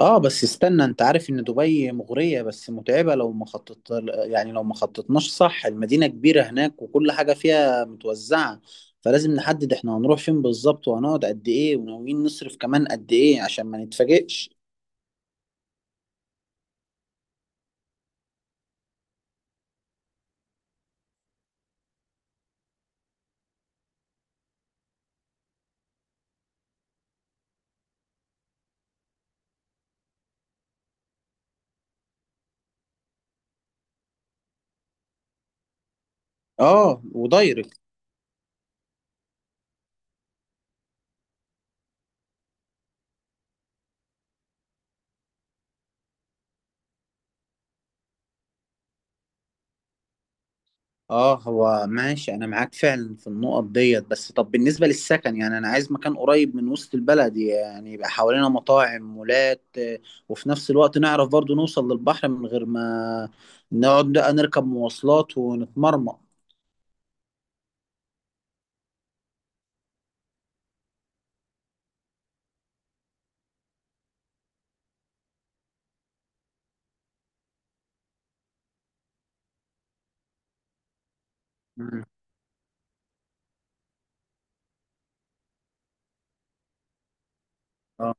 اه، بس استنى، انت عارف ان دبي مغرية بس متعبة لو ما خططت. يعني لو ما خططناش صح، المدينة كبيرة هناك وكل حاجة فيها متوزعة. فلازم نحدد احنا هنروح فين بالظبط، وهنقعد قد ايه، وناويين نصرف كمان قد ايه، عشان ما نتفاجئش. اه، ودايركت. اه، هو ماشي انا معاك فعلا في النقط ديت. بس طب بالنسبة للسكن، يعني انا عايز مكان قريب من وسط البلد، يعني يبقى حوالينا مطاعم مولات، وفي نفس الوقت نعرف برضو نوصل للبحر من غير ما نقعد بقى نركب مواصلات ونتمرمط. مم.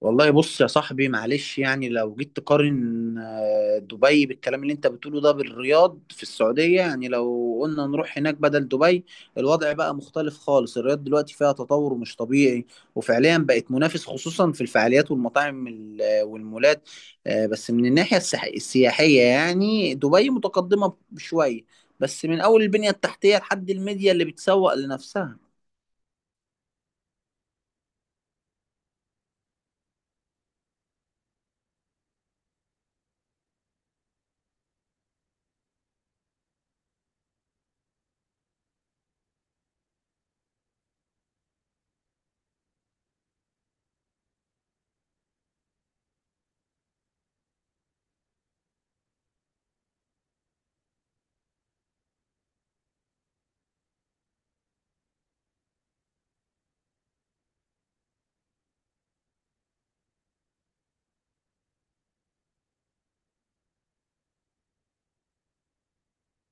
والله بص يا صاحبي، معلش، يعني لو جيت تقارن دبي بالكلام اللي انت بتقوله ده بالرياض في السعودية، يعني لو قلنا نروح هناك بدل دبي، الوضع بقى مختلف خالص. الرياض دلوقتي فيها تطور مش طبيعي. وفعليا بقت منافس، خصوصا في الفعاليات والمطاعم والمولات. بس من الناحية السياحية، يعني دبي متقدمة شوية، بس من أول البنية التحتية لحد الميديا اللي بتسوق لنفسها.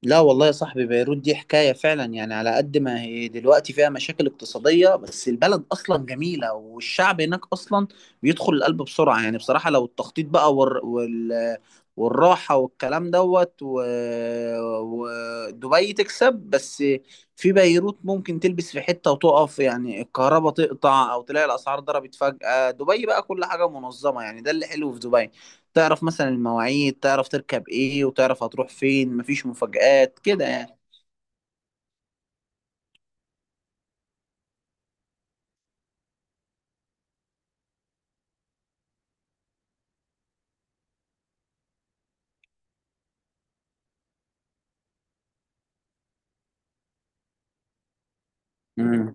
لا والله يا صاحبي، بيروت دي حكاية فعلا. يعني على قد ما هي دلوقتي فيها مشاكل اقتصادية، بس البلد أصلا جميلة، والشعب هناك أصلا بيدخل القلب بسرعة. يعني بصراحة، لو التخطيط بقى والراحة والكلام ودبي تكسب، بس في بيروت ممكن تلبس في حتة وتقف، يعني الكهرباء تقطع أو تلاقي الأسعار ضربت فجأة. دبي بقى كل حاجة منظمة، يعني ده اللي حلو في دبي. تعرف مثلا المواعيد، تعرف تركب ايه وتعرف هتروح فين، مفيش مفاجآت كده يعني. امم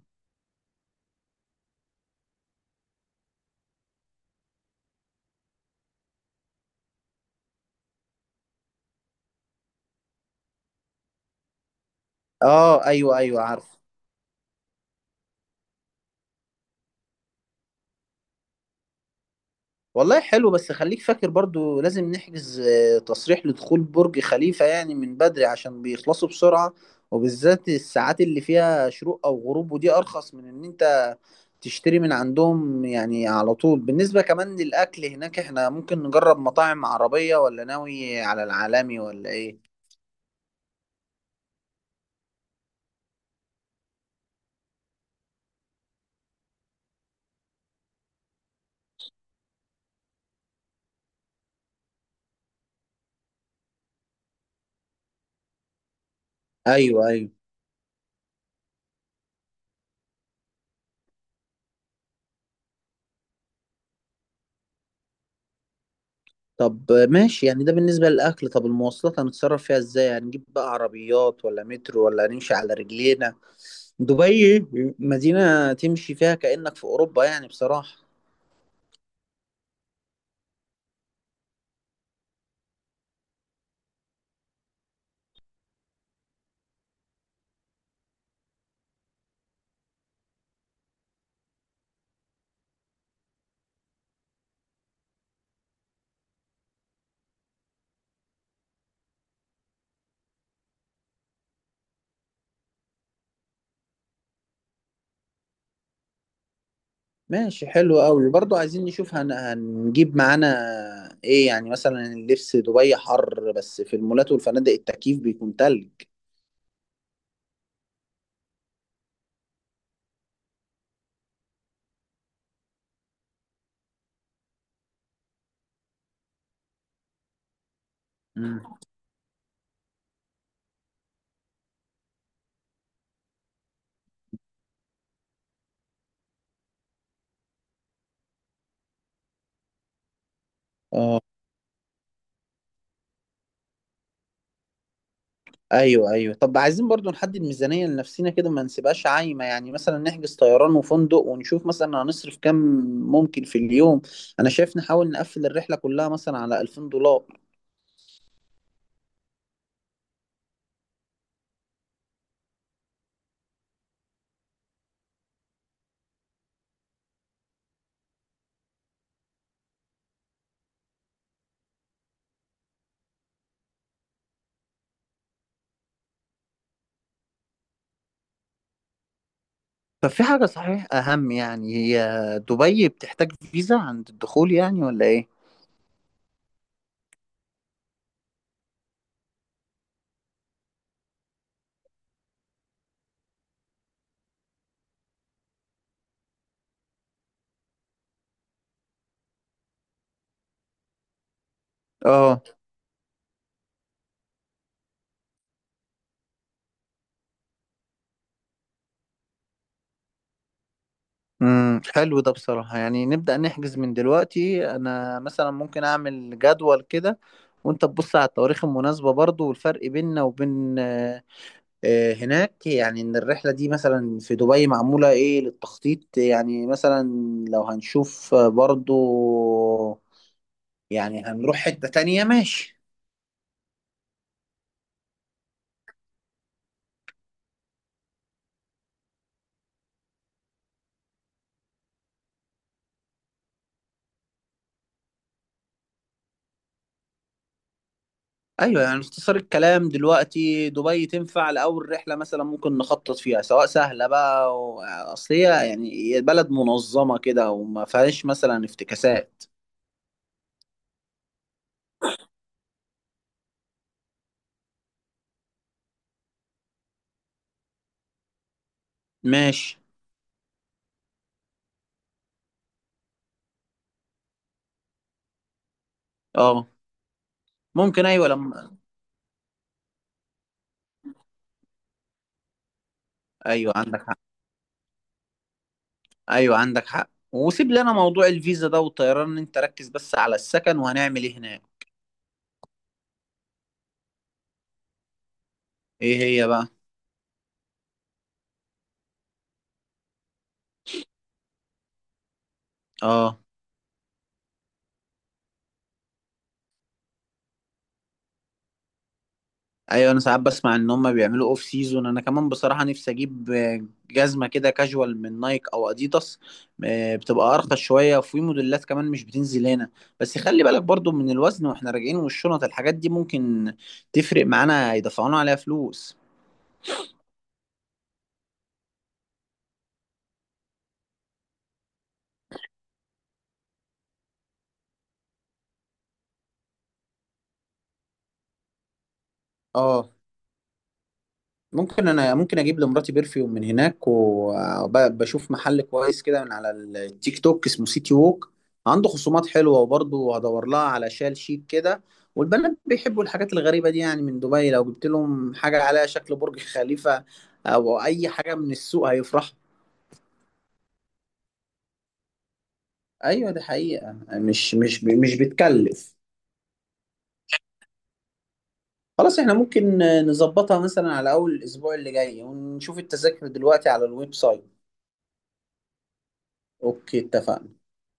اه، ايوه، ايوه، عارف. والله حلو. بس خليك فاكر برضو لازم نحجز تصريح لدخول برج خليفة يعني من بدري، عشان بيخلصوا بسرعة. وبالذات الساعات اللي فيها شروق او غروب، ودي ارخص من ان انت تشتري من عندهم يعني على طول. بالنسبة كمان للاكل هناك، احنا ممكن نجرب مطاعم عربية ولا ناوي على العالمي ولا ايه؟ ايوه، ايوه. طب ماشي، يعني ده بالنسبة للأكل. طب المواصلات هنتصرف فيها إزاي؟ هنجيب بقى عربيات ولا مترو ولا هنمشي على رجلينا؟ دبي مدينة تمشي فيها كأنك في أوروبا، يعني بصراحة. ماشي، حلو قوي. برضو عايزين نشوف هنجيب معانا إيه؟ يعني مثلا اللبس، دبي حر بس في المولات والفنادق التكييف بيكون تلج. مم. ايوه، ايوه. طب عايزين برضو نحدد ميزانية لنفسينا كده، ما نسيبهاش عايمة. يعني مثلا نحجز طيران وفندق، ونشوف مثلا هنصرف كام ممكن في اليوم. انا شايف نحاول نقفل الرحلة كلها مثلا على 2000 دولار. طب في حاجة صحيح اهم، يعني هي دبي بتحتاج فيزا عند الدخول يعني ولا ايه؟ اه. حلو ده بصراحة. يعني نبدأ نحجز من دلوقتي، انا مثلا ممكن اعمل جدول كده. وانت تبص على التواريخ المناسبة برضو، والفرق بيننا وبين هناك. يعني ان الرحله دي مثلا في دبي معموله ايه للتخطيط، يعني مثلا لو هنشوف برضو يعني هنروح حته تانية، ماشي. ايوه، يعني اختصار الكلام دلوقتي، دبي تنفع لاول رحله مثلا ممكن نخطط فيها، سواء سهله بقى اصل هي، يعني هي بلد منظمه كده وما فيهاش مثلا افتكاسات. ماشي. اه، ممكن، ايوه، لما... ايوه، عندك حق. ايوه، عندك حق. وسيب لنا موضوع الفيزا ده والطيران، إن انت ركز بس على السكن وهنعمل ايه هناك. ايه هي بقى؟ اه. ايوه، انا ساعات بسمع ان هم بيعملوا اوف سيزون. انا كمان بصراحه نفسي اجيب جزمه كده كاجوال من نايك او اديداس، بتبقى ارخص شويه، وفي موديلات كمان مش بتنزل هنا. بس خلي بالك برضو من الوزن واحنا راجعين، والشنط الحاجات دي ممكن تفرق معانا يدفعونا عليها فلوس. اه، ممكن، انا ممكن اجيب لمراتي برفيوم من هناك، وبشوف محل كويس كده من على التيك توك اسمه سيتي ووك. عنده خصومات حلوه، وبرضه هدور لها على شال شيك كده. والبنات بيحبوا الحاجات الغريبه دي، يعني من دبي لو جبت لهم حاجه عليها شكل برج خليفه او اي حاجه من السوق هيفرحوا. ايوه، دي حقيقه مش بتكلف. خلاص، احنا ممكن نظبطها مثلا على اول الاسبوع اللي جاي ونشوف التذاكر دلوقتي على الويب سايت. اوكي، اتفقنا.